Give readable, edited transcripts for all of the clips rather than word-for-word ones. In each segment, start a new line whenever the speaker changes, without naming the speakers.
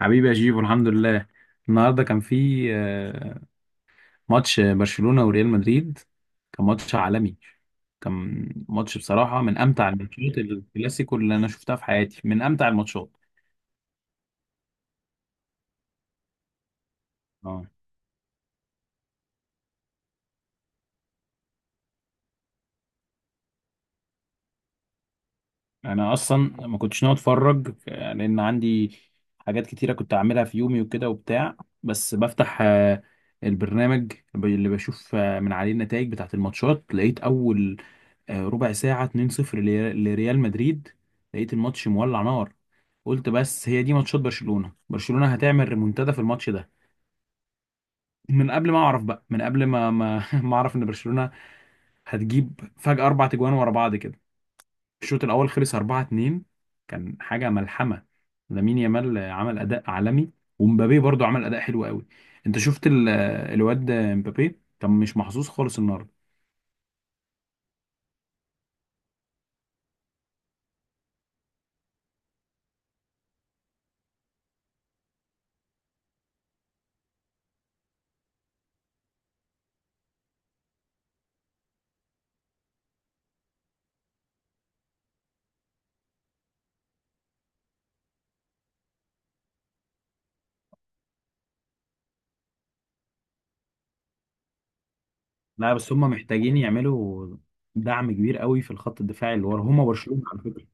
حبيبي يا جيبو، الحمد لله. النهارده كان في ماتش برشلونة وريال مدريد. كان ماتش عالمي. كان ماتش بصراحة من أمتع الماتشات، الكلاسيكو اللي أنا شفتها في حياتي، من أمتع الماتشات. اه أنا أصلا ما كنتش ناوي أتفرج، لأن عندي حاجات كتيرة كنت أعملها في يومي وكده وبتاع. بس بفتح البرنامج اللي بشوف من عليه النتائج بتاعة الماتشات، لقيت أول ربع ساعة 2-0 لريال مدريد. لقيت الماتش مولع نار. قلت بس هي دي ماتشات برشلونة، برشلونة هتعمل ريمونتادا في الماتش ده. من قبل ما اعرف بقى، من قبل ما ما اعرف ان برشلونة هتجيب فجأة اربع تجوان ورا بعض كده. الشوط الاول خلص 4-2. كان حاجة ملحمة. لامين يامال عمل اداء عالمي، ومبابي برضو عمل اداء حلو قوي. انت شفت الواد مبابي كان مش محظوظ خالص النهارده. لا بس هم محتاجين يعملوا دعم كبير قوي في الخط الدفاعي اللي ورا هم، برشلونة على فكرة.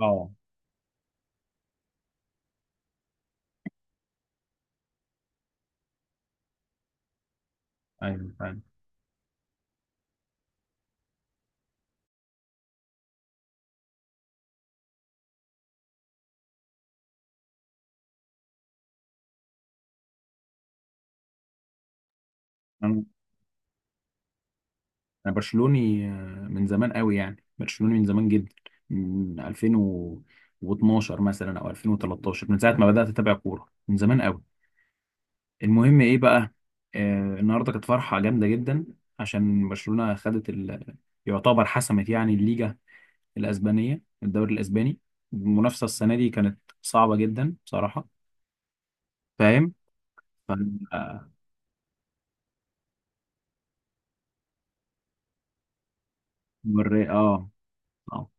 اه، ايوه فعلا. انا برشلوني من زمان قوي، يعني برشلوني من زمان جدا، من 2012 مثلا او 2013، من ساعه ما بدات اتابع كوره، من زمان قوي. المهم ايه بقى، آه النهارده كانت فرحه جامده جدا عشان برشلونه خدت يعتبر حسمت يعني الليجا الاسبانيه، الدوري الاسباني. المنافسه السنه دي كانت صعبه جدا بصراحه، فاهم؟ ف... آه، اه، آه.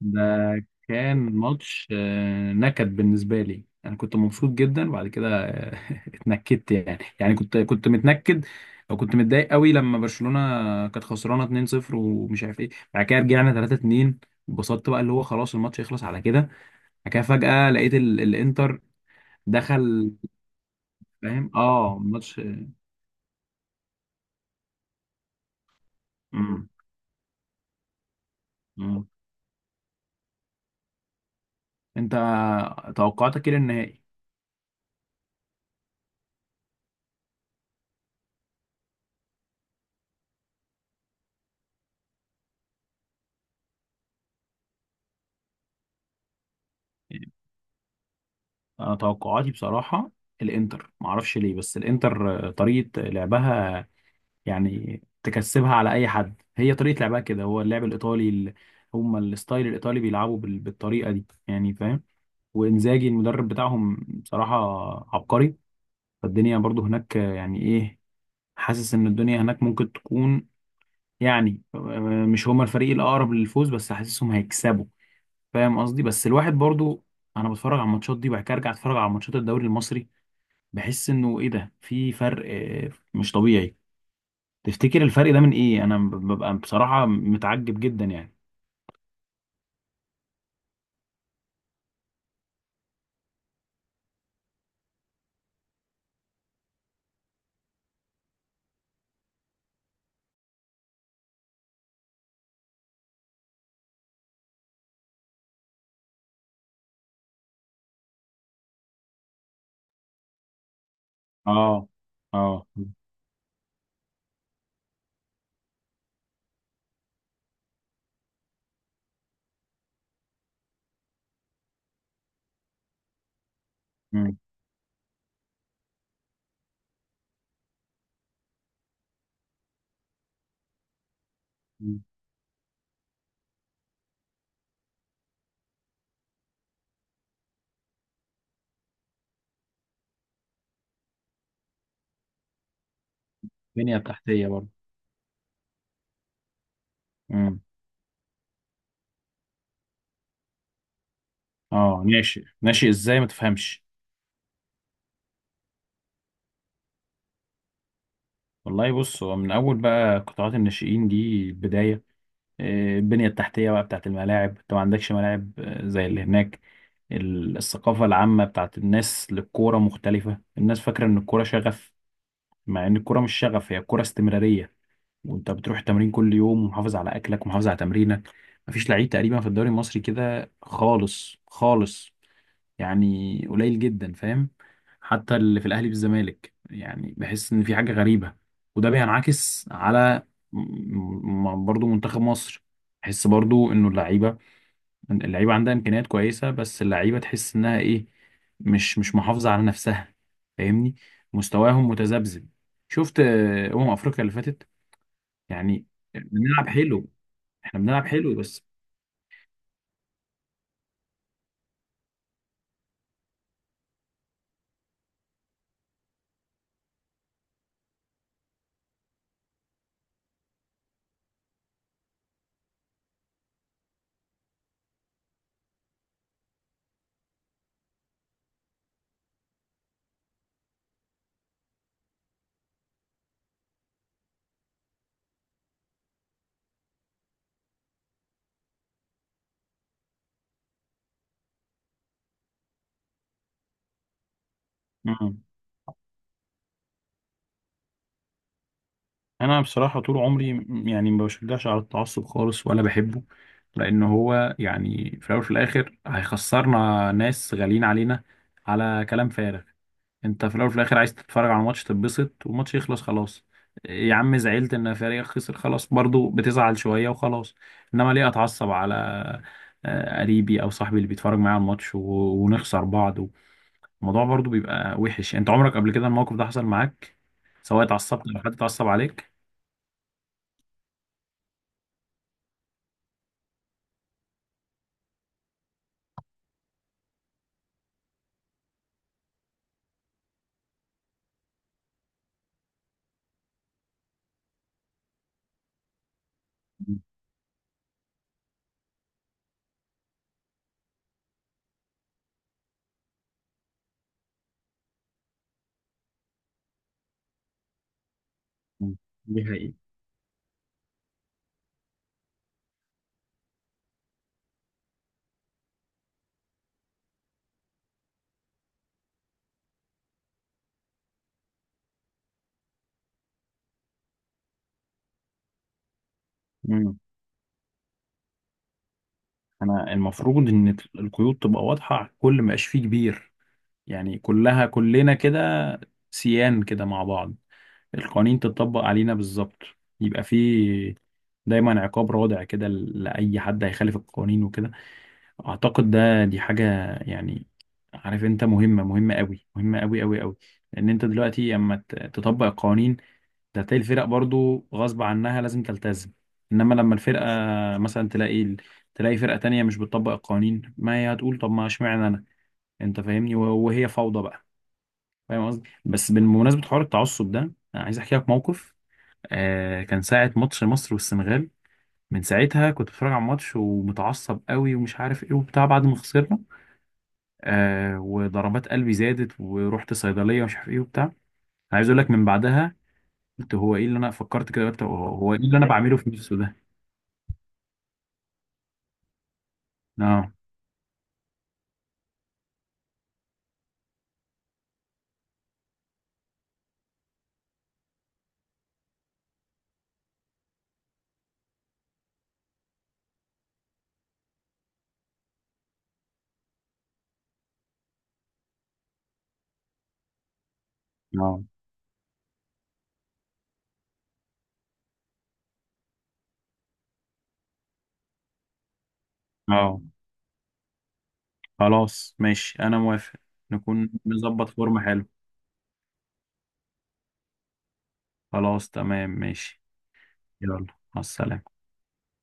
ده كان ماتش نكد بالنسبة لي. أنا كنت مبسوط جدا، وبعد كده اتنكدت يعني، يعني كنت متنكد، أو كنت متضايق قوي لما برشلونة كانت خسرانة 2-0 ومش عارف إيه. بعد كده رجعنا 3-2، اتبسطت بقى، اللي هو خلاص الماتش يخلص على كده. بعد كده فجأة لقيت الإنتر دخل. فاهم، آه ماتش. مم. مم. أنت توقعاتك إيه للنهائي؟ انا توقعاتي بصراحه، الانتر ما اعرفش ليه، بس الانتر طريقه لعبها يعني تكسبها على اي حد. هي طريقه لعبها كده، هو اللعب الايطالي هم الستايل الايطالي بيلعبوا بالطريقه دي، يعني فاهم. وانزاجي المدرب بتاعهم بصراحه عبقري. فالدنيا برضو هناك، يعني ايه، حاسس ان الدنيا هناك ممكن تكون، يعني مش هما الفريق الاقرب للفوز، بس حاسسهم هيكسبوا. فاهم قصدي؟ بس الواحد برضو، انا بتفرج على الماتشات دي وبعد كده ارجع اتفرج على ماتشات الدوري المصري، بحس انه ايه ده، في فرق مش طبيعي. تفتكر الفرق ده من ايه؟ انا ببقى بصراحة متعجب جدا يعني. اه، اه، امم. البنية التحتية برضه. امم. اه، ناشئ ناشئ ازاي ما تفهمش؟ والله بص، هو من اول بقى قطاعات الناشئين دي البداية، البنية التحتية بقى بتاعت الملاعب، انت ما عندكش ملاعب زي اللي هناك. الثقافة العامة بتاعت الناس للكورة مختلفة، الناس فاكرة ان الكورة شغف، مع ان الكورة مش شغف، هي الكورة استمرارية، وانت بتروح التمرين كل يوم ومحافظ على اكلك ومحافظ على تمرينك. مفيش لعيب تقريبا في الدوري المصري كده خالص خالص، يعني قليل جدا، فاهم؟ حتى اللي في الاهلي والزمالك يعني بحس ان في حاجه غريبه. وده بينعكس على برضو منتخب مصر. بحس برضو انه اللعيبه، اللعيبه عندها امكانيات كويسه، بس اللعيبه تحس انها ايه، مش مش محافظه على نفسها. فاهمني؟ مستواهم متذبذب. شفت افريقيا اللي فاتت، يعني بنلعب حلو، احنا بنلعب حلو بس. مم. انا بصراحه طول عمري يعني ما بشجعش على التعصب خالص، ولا بحبه، لان هو يعني في الاول وفي الاخر هيخسرنا ناس غاليين علينا على كلام فارغ. انت في الاول وفي الاخر عايز تتفرج على ماتش، تتبسط والماتش يخلص خلاص. يا عم، زعلت ان فريقك خسر، خلاص، برضو بتزعل شويه وخلاص. انما ليه اتعصب على قريبي او صاحبي اللي بيتفرج معايا على الماتش ونخسر بعض؟ الموضوع برضو بيبقى وحش يعني. انت عمرك قبل كده الموقف ده حصل معاك، سواء اتعصبت او حد اتعصب عليك؟ مم، دي حقيقة. مم. انا المفروض ان القيود تبقى واضحة على الكل، ما يبقاش فيه كبير، يعني كلها، كلنا كده سيان كده مع بعض. القوانين تتطبق علينا بالظبط، يبقى فيه دايما عقاب رادع كده لأي حد هيخالف القوانين وكده. اعتقد ده دي حاجه يعني، عارف، انت مهمه، مهمه قوي، مهمه قوي قوي قوي. لان انت دلوقتي اما تطبق القوانين ده هتلاقي الفرق برضو غصب عنها لازم تلتزم. انما لما الفرقه مثلا تلاقي تلاقي فرقه تانية مش بتطبق القوانين، ما هي هتقول طب ما اشمعنى انا؟ انت فاهمني؟ وهي فوضى بقى. فاهم قصدي؟ بس بمناسبه حوار التعصب ده، انا عايز احكي لك موقف. آه كان ساعه ماتش مصر والسنغال، من ساعتها كنت بتفرج على الماتش ومتعصب قوي ومش عارف ايه وبتاع، بعد ما خسرنا آه وضربات قلبي زادت ورحت صيدليه ومش عارف ايه وبتاع. انا عايز اقول لك، من بعدها قلت هو ايه اللي انا فكرت كده، قلت هو، هو ايه اللي انا بعمله في نفسه ده؟ اه، اه، اه خلاص ماشي، انا موافق. نكون نظبط فورمه حلو. خلاص تمام ماشي. يلا، مع السلامه.